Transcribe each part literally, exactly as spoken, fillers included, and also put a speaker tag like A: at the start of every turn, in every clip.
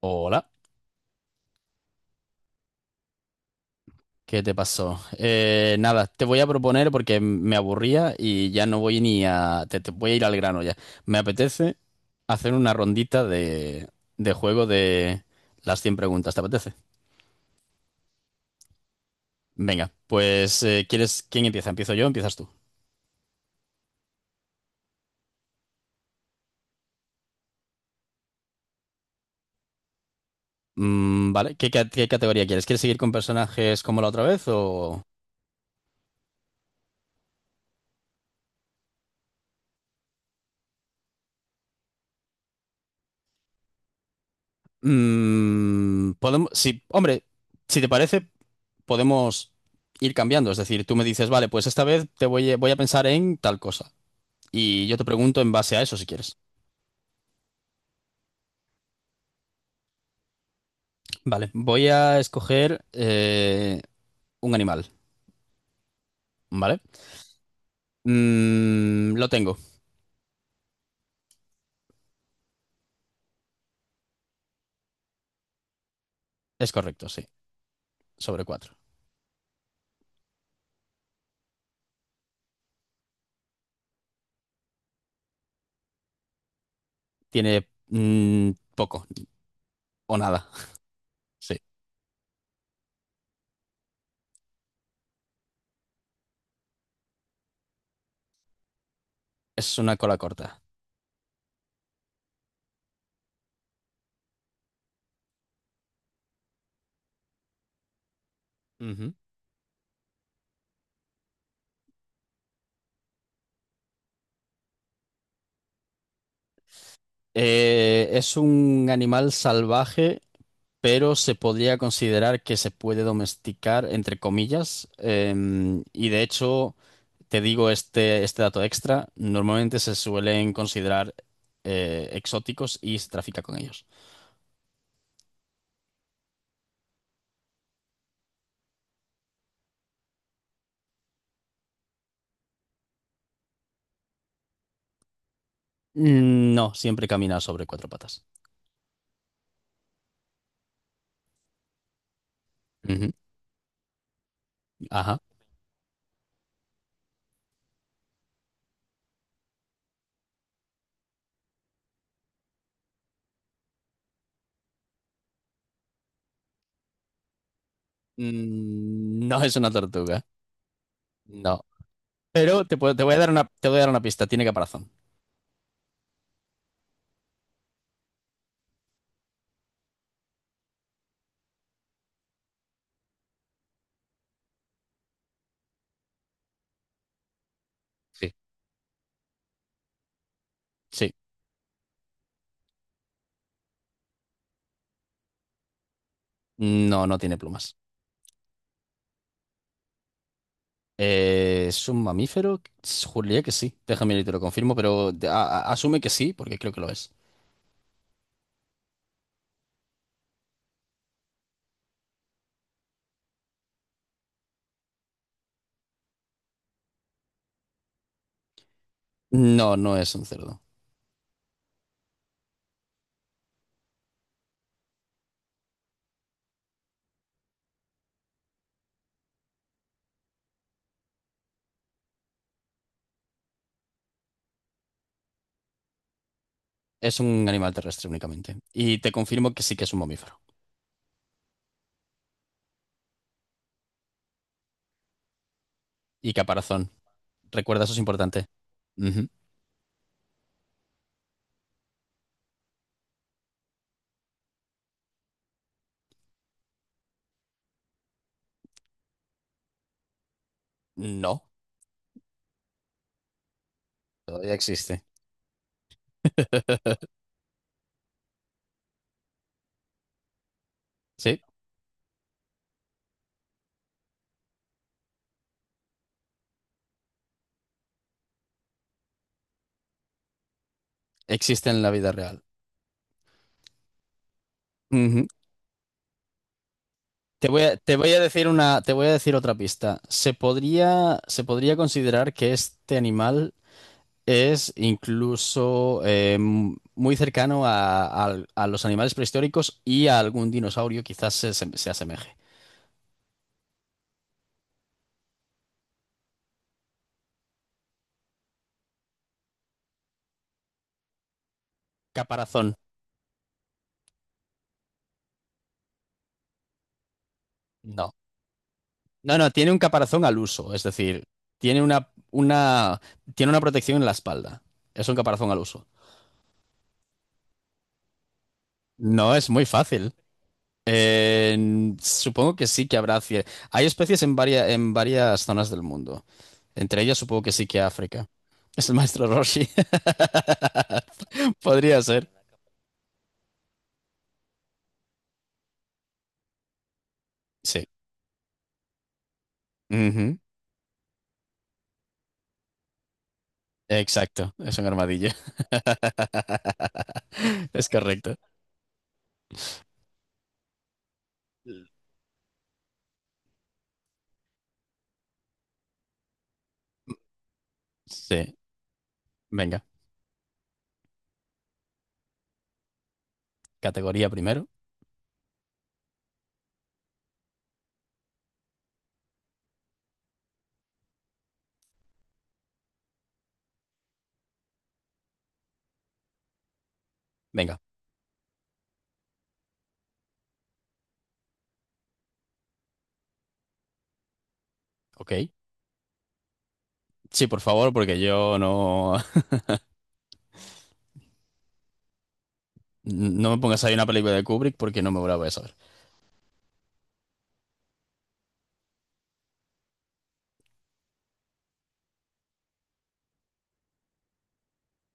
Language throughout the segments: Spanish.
A: Hola, ¿qué te pasó? Eh, nada, te voy a proponer porque me aburría y ya no voy ni a... Te, te voy a ir al grano ya. Me apetece hacer una rondita de, de juego de las cien preguntas, ¿te apetece? Venga, pues eh, ¿quieres... ¿Quién empieza? ¿Empiezo yo o empiezas tú? Mm, vale, ¿qué, ca- ¿qué categoría quieres? ¿Quieres seguir con personajes como la otra vez o...? Mm, podemos... Sí, hombre, si te parece... podemos ir cambiando. Es decir, tú me dices, vale, pues esta vez te voy a, voy a pensar en tal cosa. Y yo te pregunto en base a eso si quieres. Vale, voy a escoger eh, un animal, ¿vale? Mm, lo tengo. Es correcto, sí. Sobre cuatro. Tiene mm, poco o nada. Sí. Es una cola corta. Ujú. Eh, es un animal salvaje pero se podría considerar que se puede domesticar, entre comillas, em, y de hecho, te digo este, este dato extra, normalmente se suelen considerar eh, exóticos y se trafica con ellos. Mm, No, siempre camina sobre cuatro patas. Ujú. Ajá. Mm, No es una tortuga, no. Pero te, puedo- te voy a dar una, te voy a dar una pista, tiene caparazón. Sí. Sí, no, no tiene plumas. Eh, ¿es un mamífero? Juraría que sí. Déjame y te lo confirmo, pero de- a- a- asume que sí, porque creo que lo es. No, no es un cerdo. Es un animal terrestre únicamente. Y te confirmo que sí que es un mamífero. Y caparazón. Recuerda, eso es importante. Ujú. No, todavía existe. Sí, existe en la vida real. Ujú. Te voy a, te voy a decir una, te voy a decir otra pista. Se podría, se podría considerar que este animal es incluso eh, m- muy cercano a, al- a los animales prehistóricos y a algún dinosaurio, quizás se, se- se asemeje. Caparazón, no. No, no, tiene un caparazón al uso, es decir, tiene una, una, tiene una protección en la espalda. Es un caparazón al uso. No es muy fácil. Eh, supongo que sí que habrá. cie- Hay especies en varias, en varias zonas del mundo. Entre ellas, supongo que sí que África. Es el maestro Roshi. Podría ser. Sí. Ujú. Exacto, es un armadillo. Es correcto. Sí, venga, categoría primero. Venga, ok. Sí, por favor, porque yo no, no me pongas ahí una película de Kubrick porque no me la voy a saber.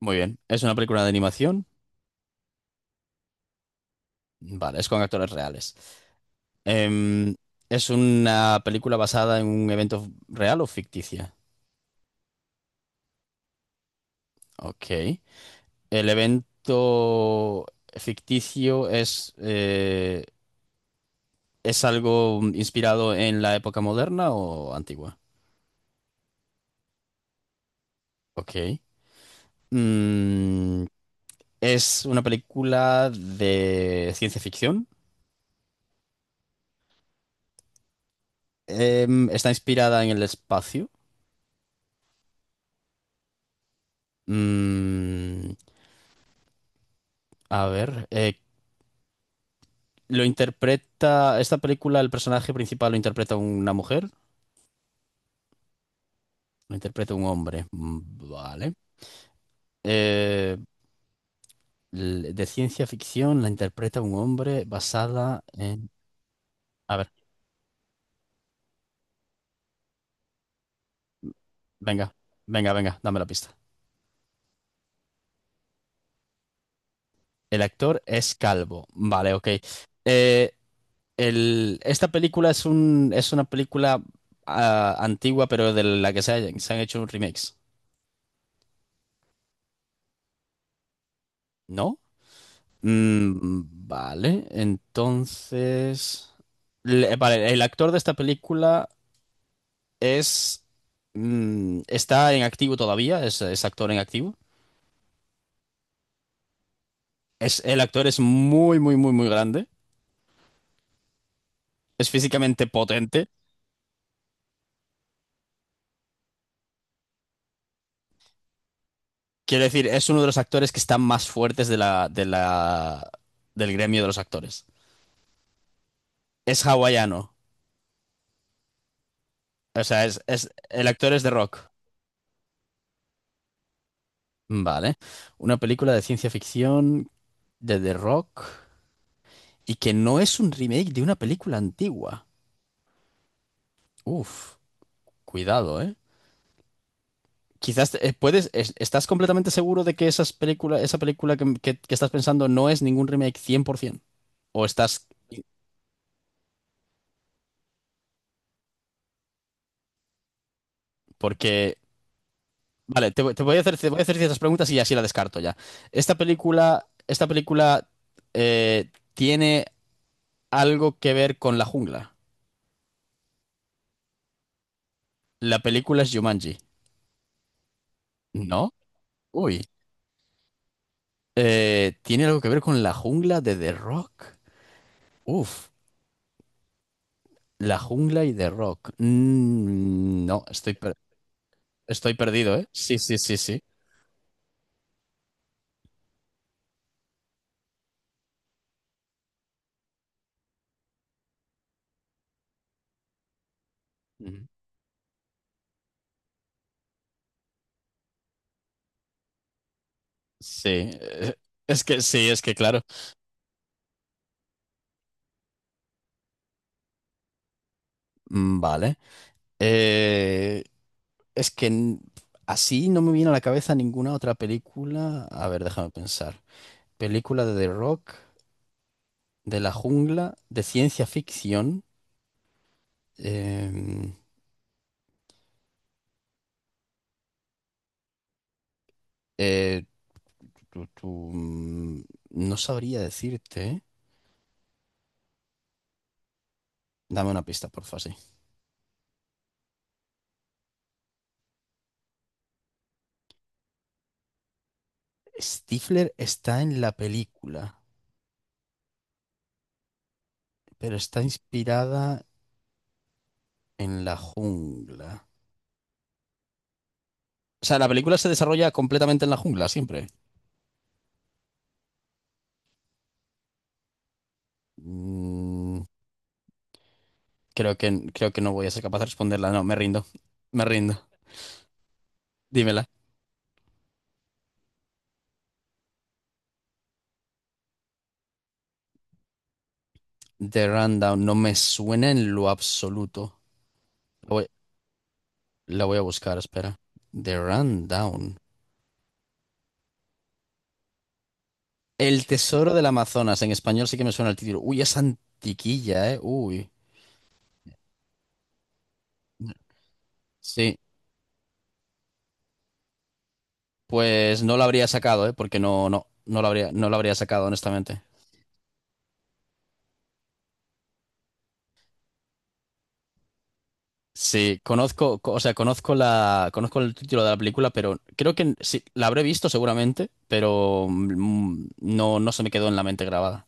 A: Muy bien, ¿es una película de animación? Vale, ¿es con actores reales? Em, ¿es una película basada en un evento real o ficticia? Ok. El evento ficticio es, eh, ¿es algo inspirado en la época moderna o antigua? Ok. Mm, ¿es una película de ciencia ficción? Em, ¿está inspirada en el espacio? Mm, a ver, eh, ¿lo interpreta, esta película, el personaje principal lo interpreta una mujer? ¿Lo interpreta un hombre? Mm, Vale. Eh, l- de ciencia ficción la interpreta un hombre basada en... A ver, venga, venga, venga, dame la pista. El actor es calvo. Vale, ok. Eh, el- Esta película es un, es una película ah, antigua, pero de la que se, ha- se han hecho un remix, ¿no? Mm, vale, entonces... le- vale, el actor de esta película es... mm, está en activo todavía, es, es actor en activo. Es, el actor es muy, muy, muy, muy grande. Es físicamente potente. Quiero decir, es uno de los actores que están más fuertes de la, de la, del gremio de los actores. Es hawaiano. O sea, es, es, el actor es The Rock. Vale. Una película de ciencia ficción de The Rock y que no es un remake de una película antigua. Uf, cuidado, ¿eh? Quizás eh, puedes, es- ¿estás completamente seguro de que esas película, esa película que, que- que estás pensando no es ningún remake cien por ciento? ¿O estás, porque vale, te, voy te voy a hacer, te voy a hacer ciertas preguntas y así la descarto ya. ¿Esta película, ¿esta película eh, tiene algo que ver con la jungla? La película es Jumanji. ¿No? Uy. Eh, ¿tiene algo que ver con la jungla de The Rock? Uf, la jungla y The Rock. Mm, no, estoy, per- Estoy perdido, ¿eh? Sí, sí, sí, sí. Mm. Sí, eh, es que sí, es que claro. Mm, Vale. Eh, Es que n- Así no me viene a la cabeza ninguna otra película. A ver, déjame pensar. Película de The Rock, de la jungla, de ciencia ficción. em, eh, tu- tu, mm, no sabría decirte. ¿Eh? Dame una pista, porfa, sí. Stifler está en la película, pero está inspirada en la jungla. O sea, la película se desarrolla completamente en la jungla, siempre. Mm, Creo que, creo que no voy a ser capaz de responderla. No, me rindo. Me rindo. Dímela. The Rundown no me suena en lo absoluto. La voy, la voy a buscar, espera. The Rundown. El Tesoro del Amazonas. En español sí que me suena el título. Uy, es antiquilla, ¿eh? Uy. Sí. Pues no lo habría sacado, ¿eh? Porque no, no, no lo habría, no lo habría sacado, honestamente. Sí, conozco, co- o sea, conozco la, conozco el título de la película, pero creo que sí, la habré visto seguramente, pero mm, no, no se me quedó en la mente grabada.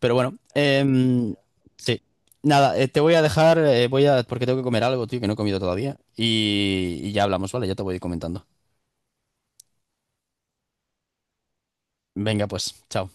A: Pero bueno, em, sí. Nada, eh, te voy a dejar, eh, voy a, porque tengo que comer algo, tío, que no he comido todavía. Y, y ya hablamos, ¿vale? Ya te voy comentando. Venga, pues, chao.